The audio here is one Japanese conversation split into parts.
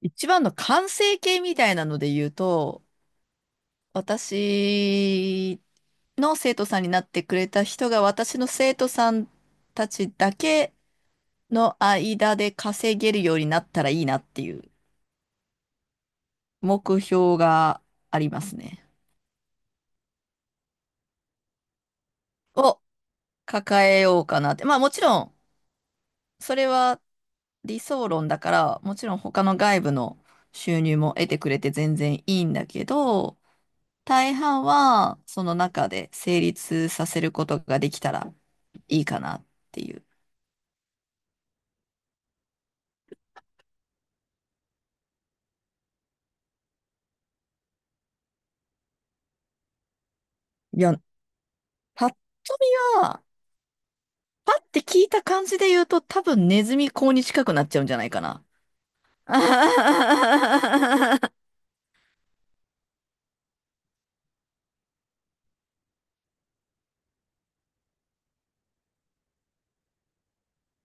一番の完成形みたいなので言うと、私の生徒さんになってくれた人が私の生徒さんたちだけの間で稼げるようになったらいいなっていう目標がありますね。を抱えようかなって。まあもちろん、それは理想論だから、もちろん他の外部の収入も得てくれて全然いいんだけど、大半は、その中で成立させることができたらいいかなっていう。いや、パッと見は、パッて聞いた感じで言うと、多分ネズミ講に近くなっちゃうんじゃないかな。あ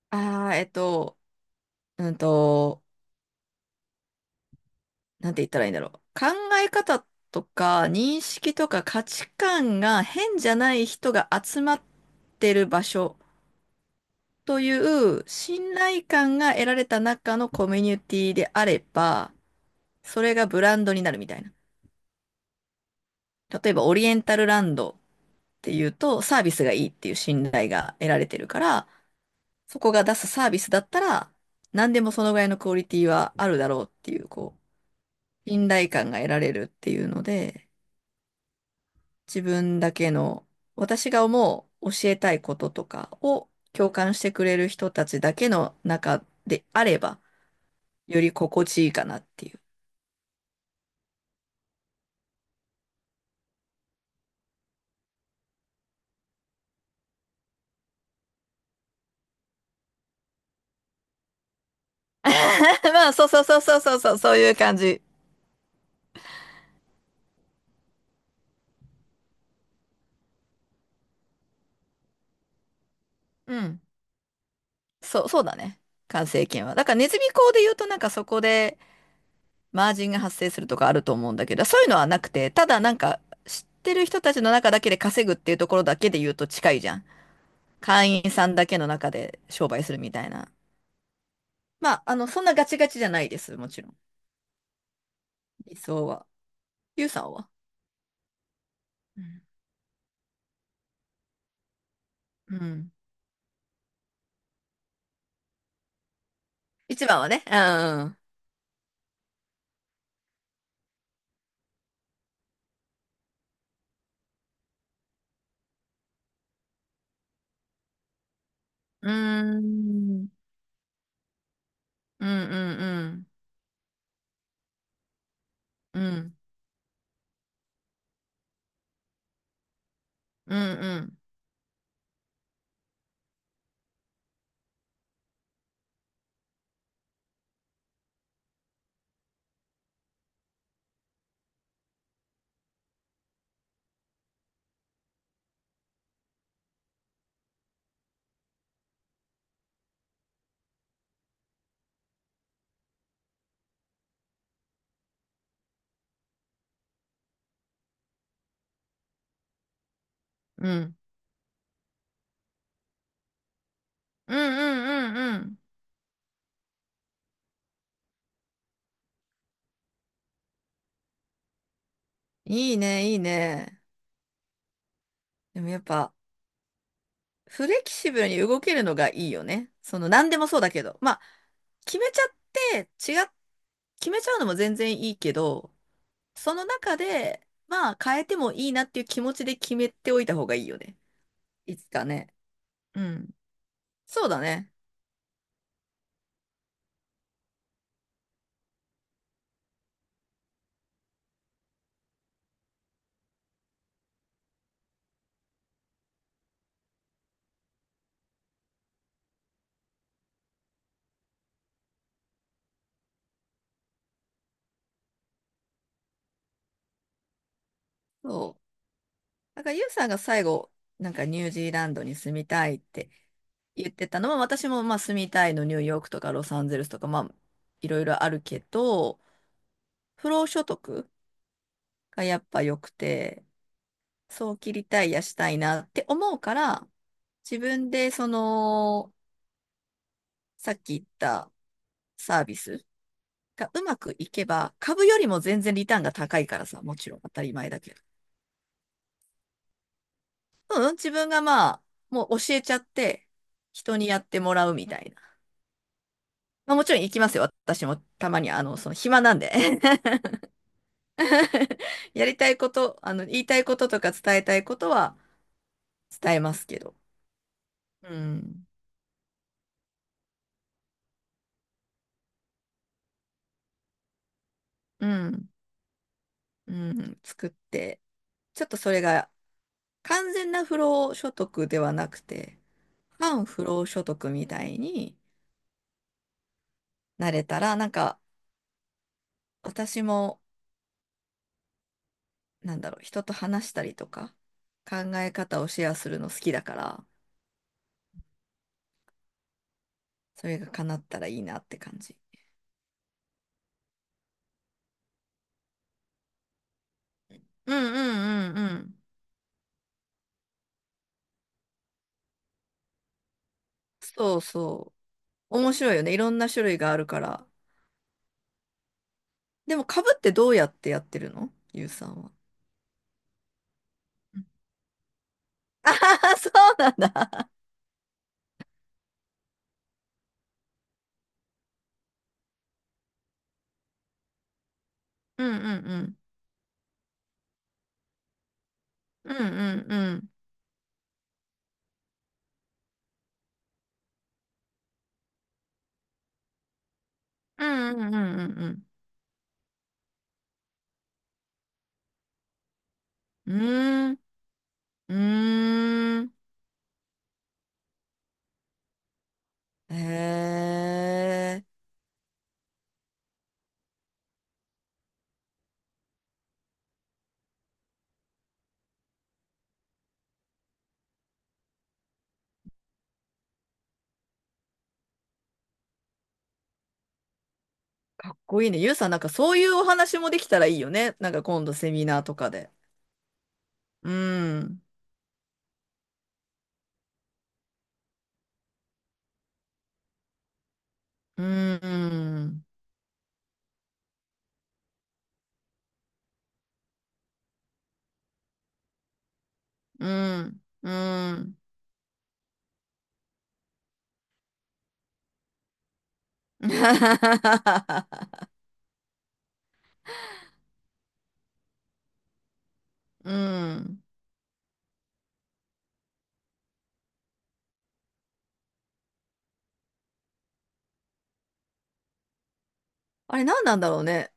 あ、うんと、なんて言ったらいいんだろう。考え方とか認識とか価値観が変じゃない人が集まってる場所という信頼感が得られた中のコミュニティであれば、それがブランドになるみたいな。例えばオリエンタルランドっていうとサービスがいいっていう信頼が得られてるから、そこが出すサービスだったら何でもそのぐらいのクオリティはあるだろうっていう、こう、信頼感が得られるっていうので、自分だけの、私が思う教えたいこととかを共感してくれる人たちだけの中であれば、より心地いいかなっていう。まあ、そうそうそうそうそうそう、そういう感じ。うん。そう、そうだね。完成形は。だからネズミ講で言うとなんかそこでマージンが発生するとかあると思うんだけど、そういうのはなくて、ただなんか知ってる人たちの中だけで稼ぐっていうところだけで言うと近いじゃん。会員さんだけの中で商売するみたいな。まあ、あの、そんなガチガチじゃないです。もちろん。理想は。ゆうさんは、うん。うん、一番はね。うん。うーんうんうんうんうんうんうんうんうんうんうんうん。いいね、いいね。でもやっぱ、フレキシブルに動けるのがいいよね。その、何でもそうだけど。まあ、決めちゃって、決めちゃうのも全然いいけど、その中で、まあ、変えてもいいなっていう気持ちで決めておいた方がいいよね。いつかね。うん。そうだね。そう。なんから、ユウさんが最後、なんかニュージーランドに住みたいって言ってたのは、私もまあ住みたいのニューヨークとかロサンゼルスとか、まあ、いろいろあるけど、不労所得がやっぱ良くて、早期リタイアしたいなって思うから、自分でその、さっき言ったサービスがうまくいけば、株よりも全然リターンが高いからさ、もちろん当たり前だけど。うん、自分がまあ、もう教えちゃって、人にやってもらうみたいな。まあ、もちろん行きますよ。私もたまに、あの、その暇なんで。 やりたいこと、あの、言いたいこととか伝えたいことは伝えますけど。うん。うん。うん。作って。ちょっとそれが完全な不労所得ではなくて、反不労所得みたいになれたら、なんか私も、なんだろう、人と話したりとか、考え方をシェアするの好きだから、それが叶ったらいいなって感じ。うんうんうんうん。そうそう。面白いよね。いろんな種類があるから。でも、株ってどうやってやってるのゆうさんは。うん。 あはそうなんだ。うんうんうん。うんうんうん。うんうんうんうんうん。うーん。うーん。へえ。かっこいいね。ゆうさん、なんかそういうお話もできたらいいよね。なんか今度セミナーとかで。うん。うん。うん。うん。うん。あれ何なんだろうね。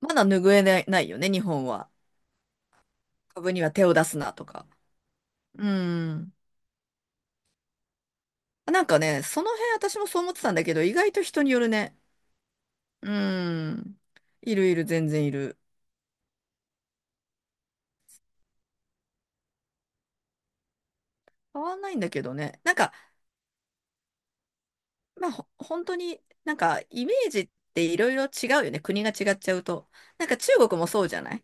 まだ拭えない、ないよね、日本は。株には手を出すなとか。うん。なんかね、その辺私もそう思ってたんだけど、意外と人によるね。うん。いるいる、全然いる。変わんないんだけどね。なんか、まあ、本当に、なんか、イメージっていろいろ違うよね。国が違っちゃうと。なんか中国もそうじゃない、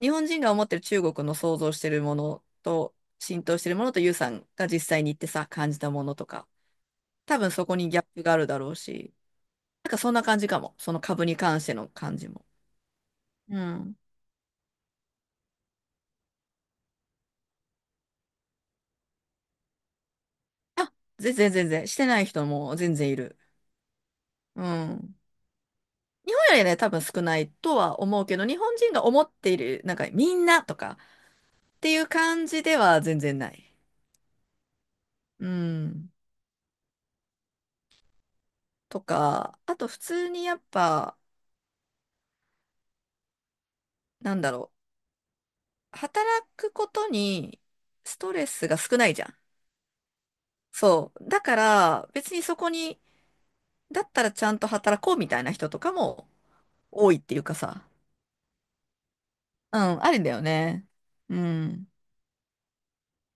日本人が思ってる中国の想像してるものと、浸透してるものと、ユウさんが実際に行ってさ、感じたものとか。多分そこにギャップがあるだろうし。なんかそんな感じかも。その株に関しての感じも。うん。あ、全然全然。してない人も全然いる。うん。日本よりね、多分少ないとは思うけど、日本人が思っている、なんかみんなとかっていう感じでは全然ない。うん。とか、あと普通にやっぱ、なんだろう。働くことにストレスが少ないじゃん。そう。だから別にそこに、だったらちゃんと働こうみたいな人とかも多いっていうかさ。うん、ありだよね。うん。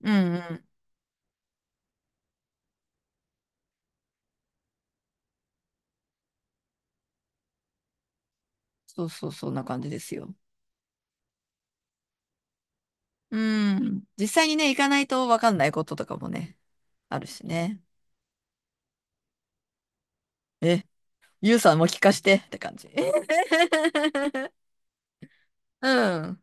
うんうん。そうそう、そんな感じですよ。うん。実際にね、行かないと分かんないこととかもね、あるしね。え、ゆうさんも聞かしてって感じ。うん。